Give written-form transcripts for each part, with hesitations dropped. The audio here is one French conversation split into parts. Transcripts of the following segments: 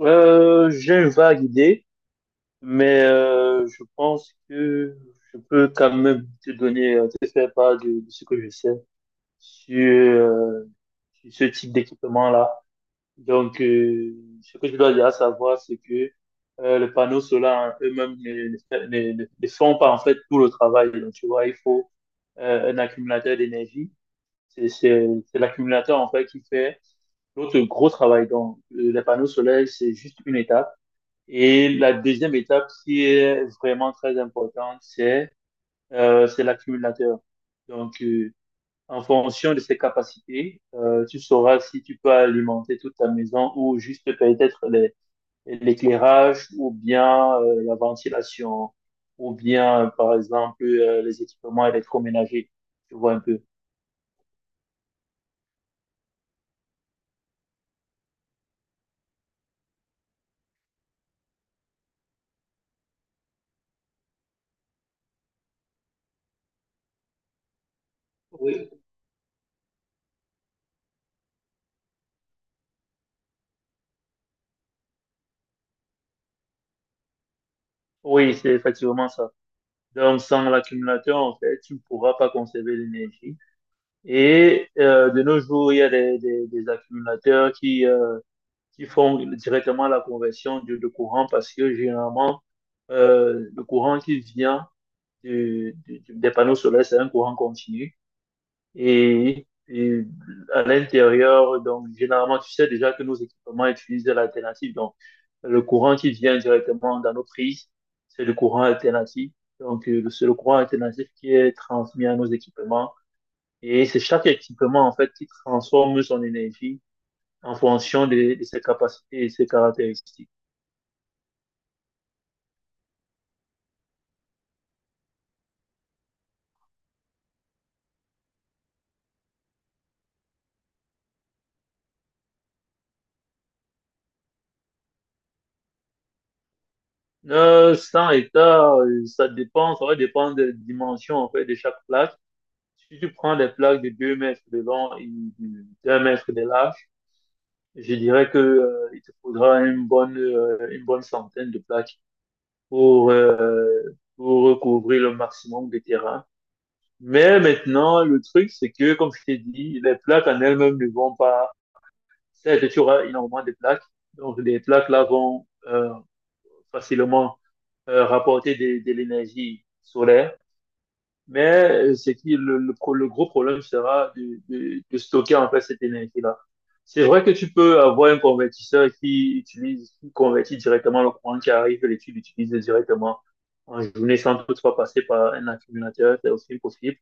J'ai une vague idée, mais je pense que je peux quand même te donner, te faire part de ce que je sais sur sur ce type d'équipement-là. Donc, ce que je dois déjà savoir, c'est que les panneaux solaires en eux-mêmes ne font pas en fait tout le travail. Donc, tu vois, il faut un accumulateur d'énergie. C'est l'accumulateur en fait qui fait l'autre gros travail. Donc, les panneaux solaires, c'est juste une étape. Et la deuxième étape qui est vraiment très importante, c'est l'accumulateur. Donc, en fonction de ses capacités, tu sauras si tu peux alimenter toute ta maison ou juste peut-être l'éclairage ou bien la ventilation ou bien, par exemple, les équipements électroménagers. Tu vois un peu. Oui. Oui, c'est effectivement ça. Donc, sans l'accumulateur, en fait, tu ne pourras pas conserver l'énergie. Et de nos jours, il y a des accumulateurs qui qui font directement la conversion de courant parce que généralement, le courant qui vient des panneaux solaires, c'est un courant continu. Et à l'intérieur, donc généralement, tu sais déjà que nos équipements utilisent de l'alternative. Donc, le courant qui vient directement dans nos prises, c'est le courant alternatif. Donc, c'est le courant alternatif qui est transmis à nos équipements et c'est chaque équipement, en fait, qui transforme son énergie en fonction de ses capacités et ses caractéristiques. 100 hectares, ça dépend, ça va dépendre des dimensions, en fait, de chaque plaque. Si tu prends des plaques de 2 mètres de long et de 2 mètres de large, je dirais que, il te faudra une bonne centaine de plaques pour, euh, pour recouvrir le maximum de terrain. Mais maintenant, le truc, c'est que, comme je t'ai dit, les plaques en elles-mêmes ne vont pas. Certes, tu auras énormément de plaques. Donc, les plaques là vont facilement rapporter de l'énergie solaire. Mais c'est qui le gros problème sera de stocker en fait cette énergie-là. C'est vrai que tu peux avoir un convertisseur qui utilise, qui convertit directement le courant qui arrive et tu l'utilises directement en journée sans toutefois passer par un accumulateur, c'est aussi possible.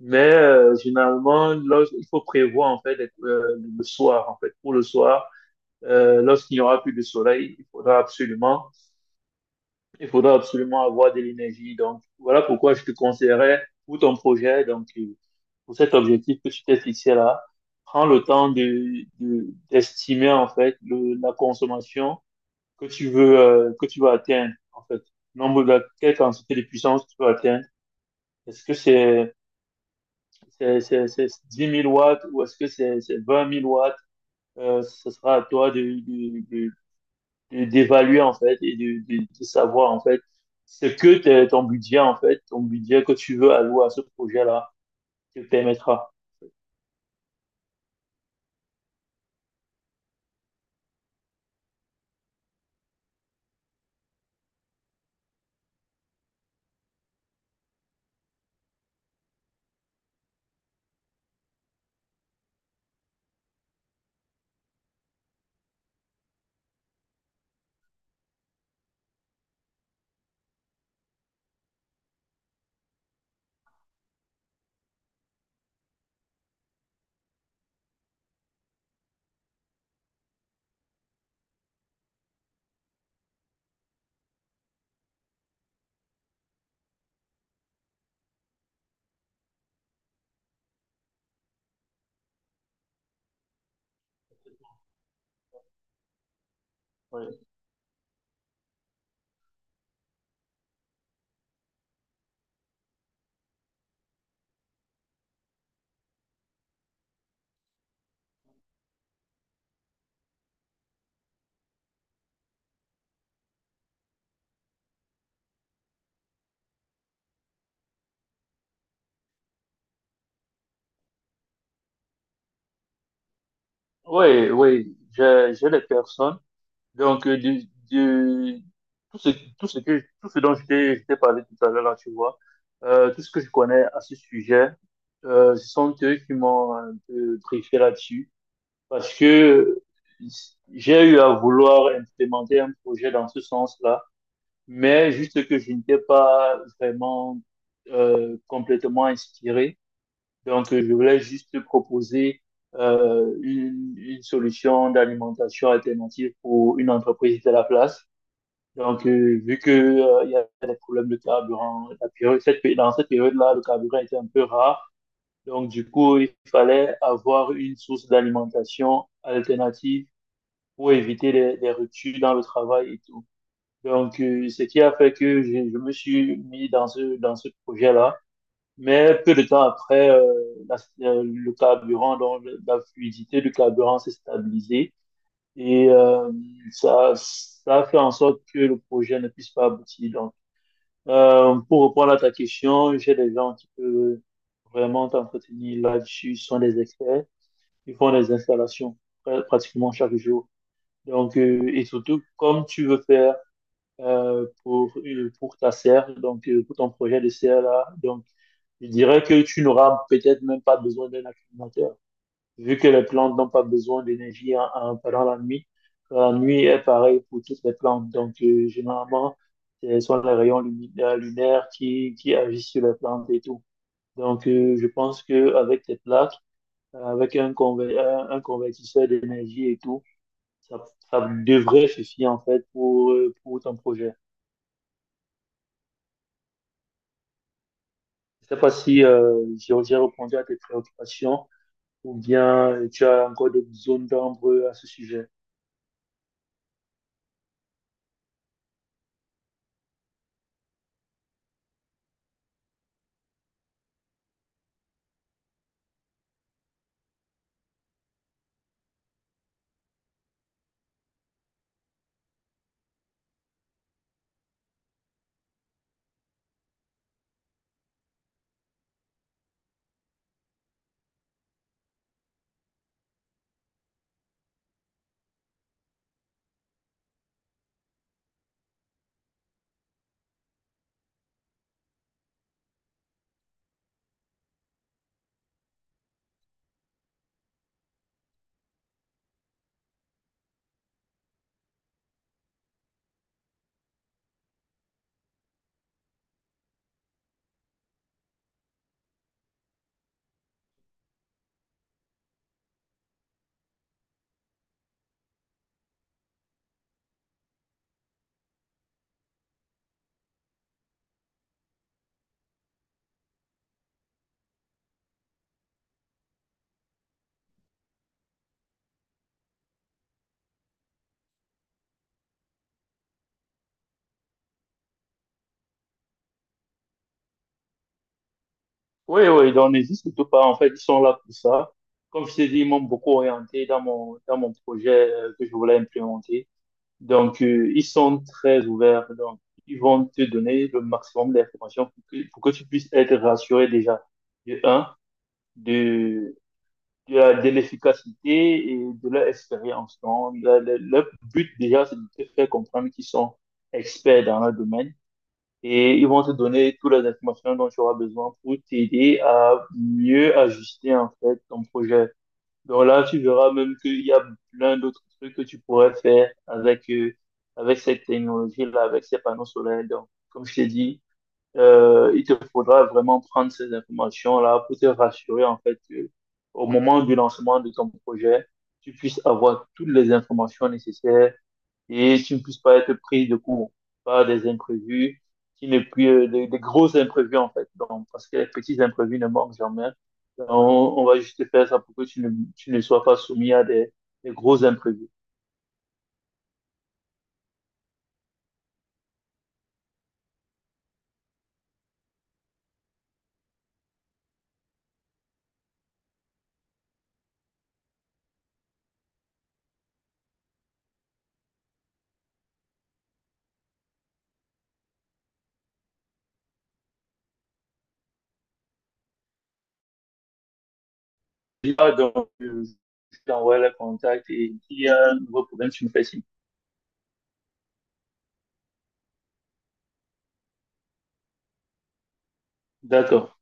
Mais généralement, là, il faut prévoir en fait d'être, le soir en fait pour le soir lorsqu'il n'y aura plus de soleil, il faudra absolument avoir de l'énergie. Donc, voilà pourquoi je te conseillerais pour ton projet, donc, pour cet objectif que tu t'es fixé là, prends le temps d'estimer, en fait, la consommation que tu veux, que tu vas atteindre, en fait. Nombre de, quelle quantité de puissance tu veux atteindre. Est-ce que c'est 10 000 watts ou est-ce que c'est 20 000 watts? Ce sera à toi d'évaluer en fait et de savoir en fait ce que ton budget en fait, ton budget que tu veux allouer à ce projet-là te permettra. Oui, oui, oui, j'ai des personnes. Donc, de- tout ce, tout ce que, tout ce dont je t'ai parlé tout à l'heure, là, tu vois, tout ce que je connais à ce sujet, ce sont eux qui m'ont un peu briefé là-dessus. Parce que j'ai eu à vouloir implémenter un projet dans ce sens-là, mais juste que je n'étais pas vraiment complètement inspiré. Donc, je voulais juste proposer une solution d'alimentation alternative pour une entreprise de la place. Donc, vu que, il y a des problèmes de carburant, la période- cette pé- dans cette période-là, le carburant était un peu rare. Donc, du coup, il fallait avoir une source d'alimentation alternative pour éviter les ruptures dans le travail et tout. Donc, ce qui a fait que je me suis mis dans ce projet-là. Mais peu de temps après, la- le carburant, donc la fluidité du carburant s'est stabilisée et ça a fait en sorte que le projet ne puisse pas aboutir. Donc, pour répondre à ta question, j'ai des gens qui peuvent vraiment t'entretenir là-dessus. Ce sont des experts. Ils font des installations pratiquement chaque jour. Donc, et surtout, comme tu veux faire pour ta serre, donc pour ton projet de serre là. Donc, je dirais que tu n'auras peut-être même pas besoin d'un accumulateur, vu que les plantes n'ont pas besoin d'énergie pendant la nuit. La nuit est pareil pour toutes les plantes. Donc, généralement, ce sont les rayons lunaires qui agissent sur les plantes et tout. Donc, je pense qu'avec tes plaques, avec un convertisseur d'énergie et tout, ça, ça devrait suffire en fait pour ton projet. Je sais pas si j'ai répondu à tes préoccupations ou bien tu as encore des zones d'ombre à ce sujet. Oui, oui, donc n'hésite surtout pas. En fait, ils sont là pour ça. Comme je t'ai dit, ils m'ont beaucoup orienté dans mon projet que je voulais implémenter. Donc, ils sont très ouverts. Donc, ils vont te donner le maximum d'informations pour que tu puisses être rassuré déjà. De un, de, de l'efficacité et de leur expérience. Donc, leur but déjà, c'est de te faire comprendre qu'ils sont experts dans leur domaine et ils vont te donner toutes les informations dont tu auras besoin pour t'aider à mieux ajuster en fait ton projet. Donc là, tu verras même qu'il y a plein d'autres trucs que tu pourrais faire avec, avec cette technologie-là, avec ces panneaux solaires. Donc, comme je t'ai dit, il te faudra vraiment prendre ces informations-là pour te rassurer, en fait, que au moment du lancement de ton projet, tu puisses avoir toutes les informations nécessaires et tu ne puisses pas être pris de court par des imprévus, qui ne puis, des gros imprévus, en fait. Donc, parce que les petits imprévus ne manquent jamais. Donc, on va juste faire ça pour que tu ne sois pas soumis à des gros imprévus. Donc, je t'envoie le contact et s'il y a un nouveau problème, tu me fais signe. D'accord.